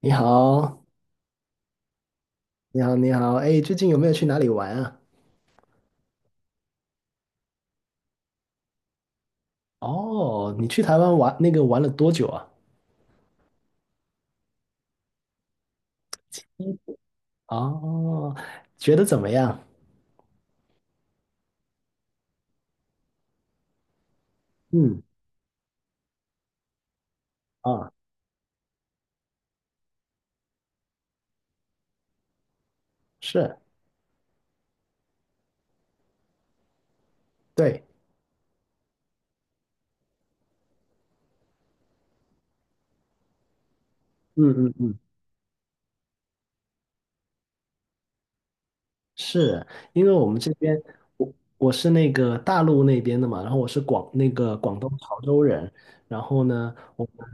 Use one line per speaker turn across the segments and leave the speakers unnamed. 你好，你好，你好，哎，最近有没有去哪里玩啊？哦，你去台湾玩玩了多久啊？嗯。哦，觉得怎么样？嗯。啊。是。对。嗯嗯嗯。是因为我们这边，我是大陆那边的嘛，然后我是广那个广东潮州人，然后呢，我们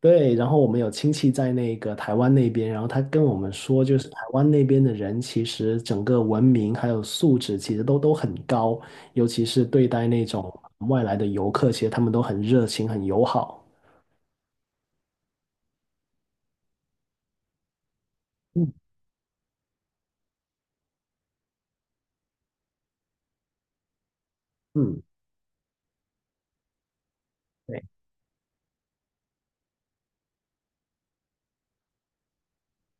对，然后我们有亲戚在台湾那边，然后他跟我们说，就是台湾那边的人其实整个文明还有素质其实都很高，尤其是对待那种外来的游客，其实他们都很热情、很友好。嗯嗯，对。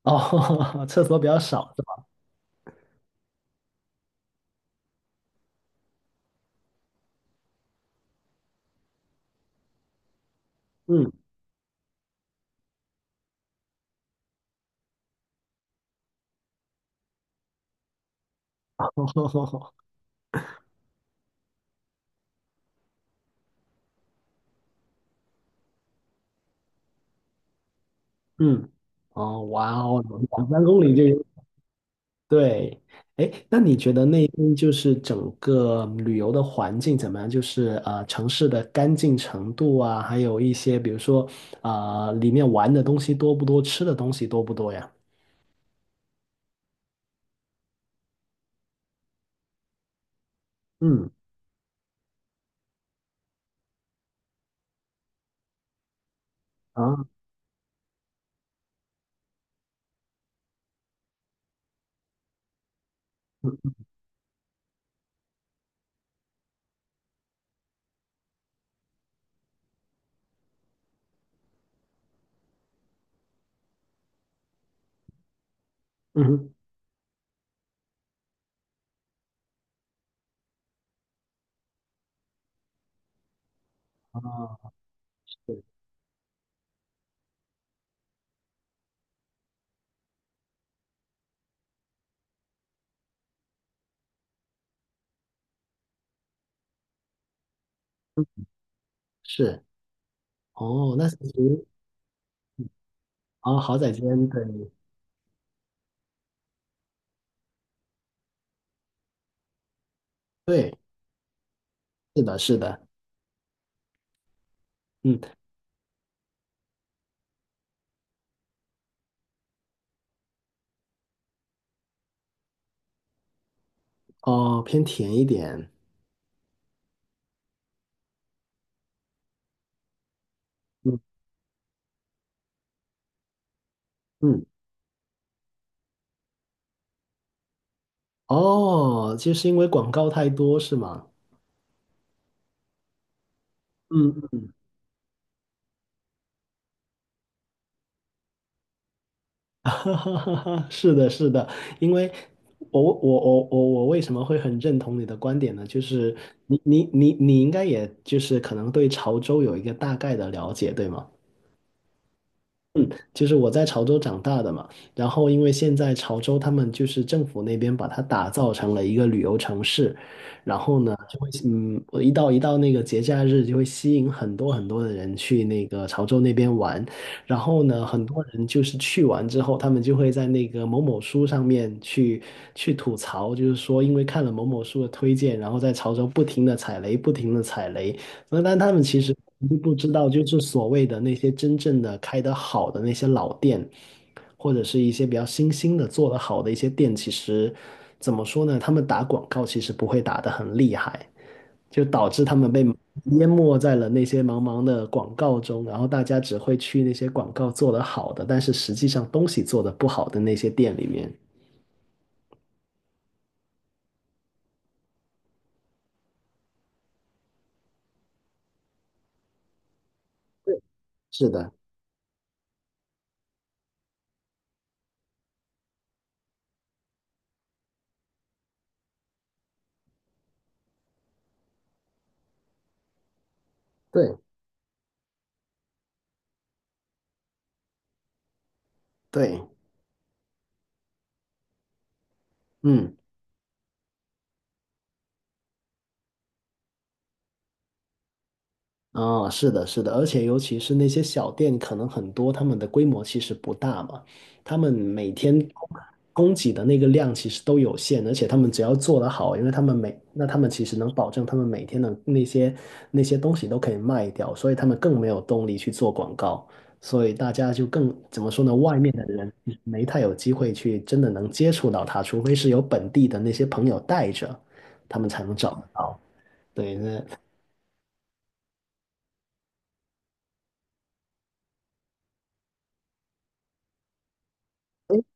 哦，厕所比较少是吧？嗯。嗯。哦，哇哦，两三公里就有。对。哎，那你觉得那边就是整个旅游的环境怎么样？就是城市的干净程度啊，还有一些比如说啊、里面玩的东西多不多，吃的东西多不多呀？嗯。啊。嗯。嗯哼。啊。是是。哦，那其实啊，豪仔煎。对对。是的，是的。嗯。哦，偏甜一点。嗯嗯。哦，就是因为广告太多是吗？嗯嗯。是的，是的，因为我为什么会很认同你的观点呢？就是你应该也就是可能对潮州有一个大概的了解，对吗？嗯，就是我在潮州长大的嘛，然后因为现在潮州他们就是政府那边把它打造成了一个旅游城市，然后呢就会嗯，我一到那个节假日就会吸引很多很多的人去潮州那边玩，然后呢很多人就是去完之后，他们就会在那个某某书上面去吐槽，就是说因为看了某某书的推荐，然后在潮州不停的踩雷，不停的踩雷。那但他们其实不知道，就是所谓的那些真正的开得好的那些老店，或者是一些比较新兴的做得好的一些店，其实怎么说呢？他们打广告其实不会打得很厉害，就导致他们被淹没在了那些茫茫的广告中，然后大家只会去那些广告做得好的，但是实际上东西做得不好的那些店里面。对。是的。对对。嗯。啊，是的，是的，而且尤其是那些小店，可能很多他们的规模其实不大嘛，他们每天供给的那个量其实都有限，而且他们只要做得好，因为他们其实能保证他们每天的那些东西都可以卖掉，所以他们更没有动力去做广告，所以大家就更，怎么说呢，外面的人其实没太有机会去真的能接触到他，除非是有本地的那些朋友带着，他们才能找得到。对，那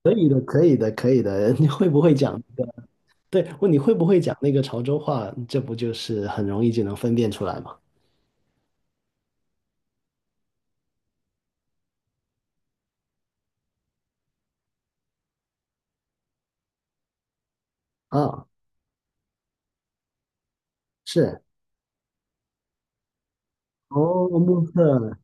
可以的，可以的，可以的。你会不会讲那个？对，问你会不会讲那个潮州话？这不就是很容易就能分辨出来吗？啊。是。哦，目测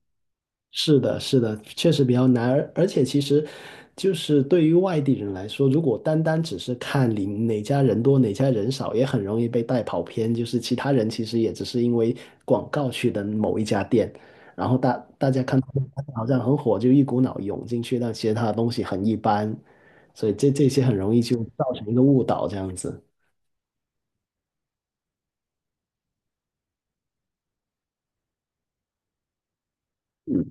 是的，是的，确实比较难。而且其实，就是对于外地人来说，如果单单只是看你哪家人多哪家人少，也很容易被带跑偏。就是其他人其实也只是因为广告去的某一家店，然后大家看。好像很火，就一股脑涌进去，但其实它的东西很一般，所以这些很容易就造成一个误导这样子。嗯。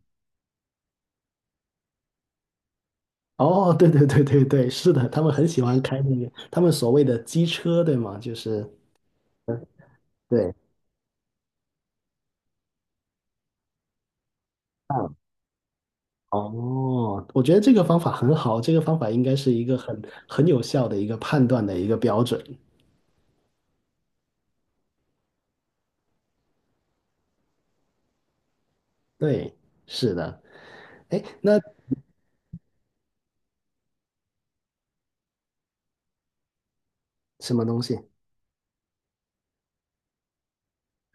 哦，对对对对对，是的，他们很喜欢开那个他们所谓的机车，对吗？就是对。嗯。哦，我觉得这个方法很好，这个方法应该是一个很有效的一个判断的一个标准。对。是的。哎，那什么东西？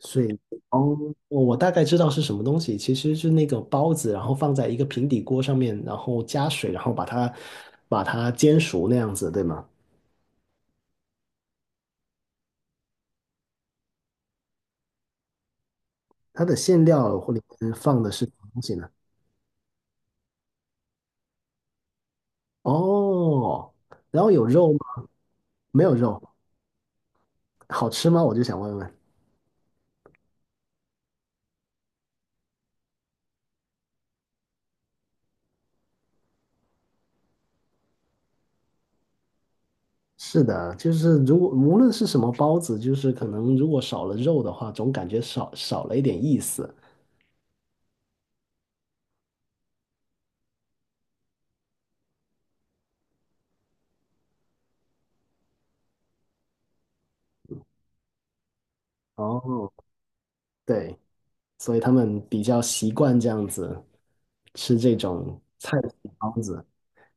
水以，哦，我我大概知道是什么东西，其实是那个包子，然后放在一个平底锅上面，然后加水，然后把它煎熟那样子，对吗？它的馅料或里面放的是什么东西呢？哦，然后有肉吗？没有肉，好吃吗？我就想问问。是的，就是如果无论是什么包子，就是可能如果少了肉的话，总感觉少了一点意思。哦。对，所以他们比较习惯这样子吃这种菜的包子。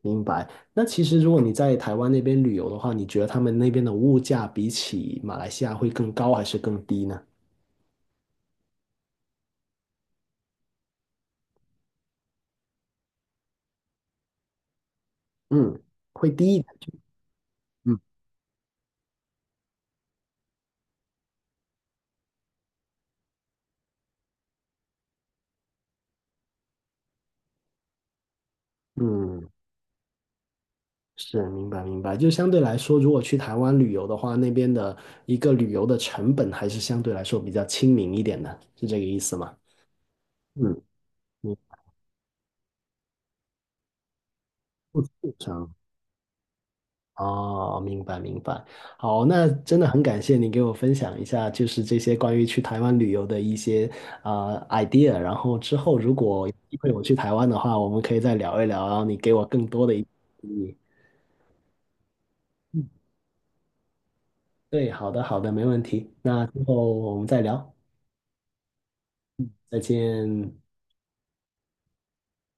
明白。那其实如果你在台湾那边旅游的话，你觉得他们那边的物价比起马来西亚会更高还是更低呢？嗯，会低一点。嗯嗯。是，明白明白。就相对来说，如果去台湾旅游的话，那边的一个旅游的成本还是相对来说比较亲民一点的，是这个意思吗？嗯，你非常哦，明白明白。好，那真的很感谢你给我分享一下，就是这些关于去台湾旅游的一些啊、idea。然后之后如果有机会我去台湾的话，我们可以再聊一聊，然后你给我更多的一些建议。嗯，对，好的好的，没问题。那之后我们再聊，再见。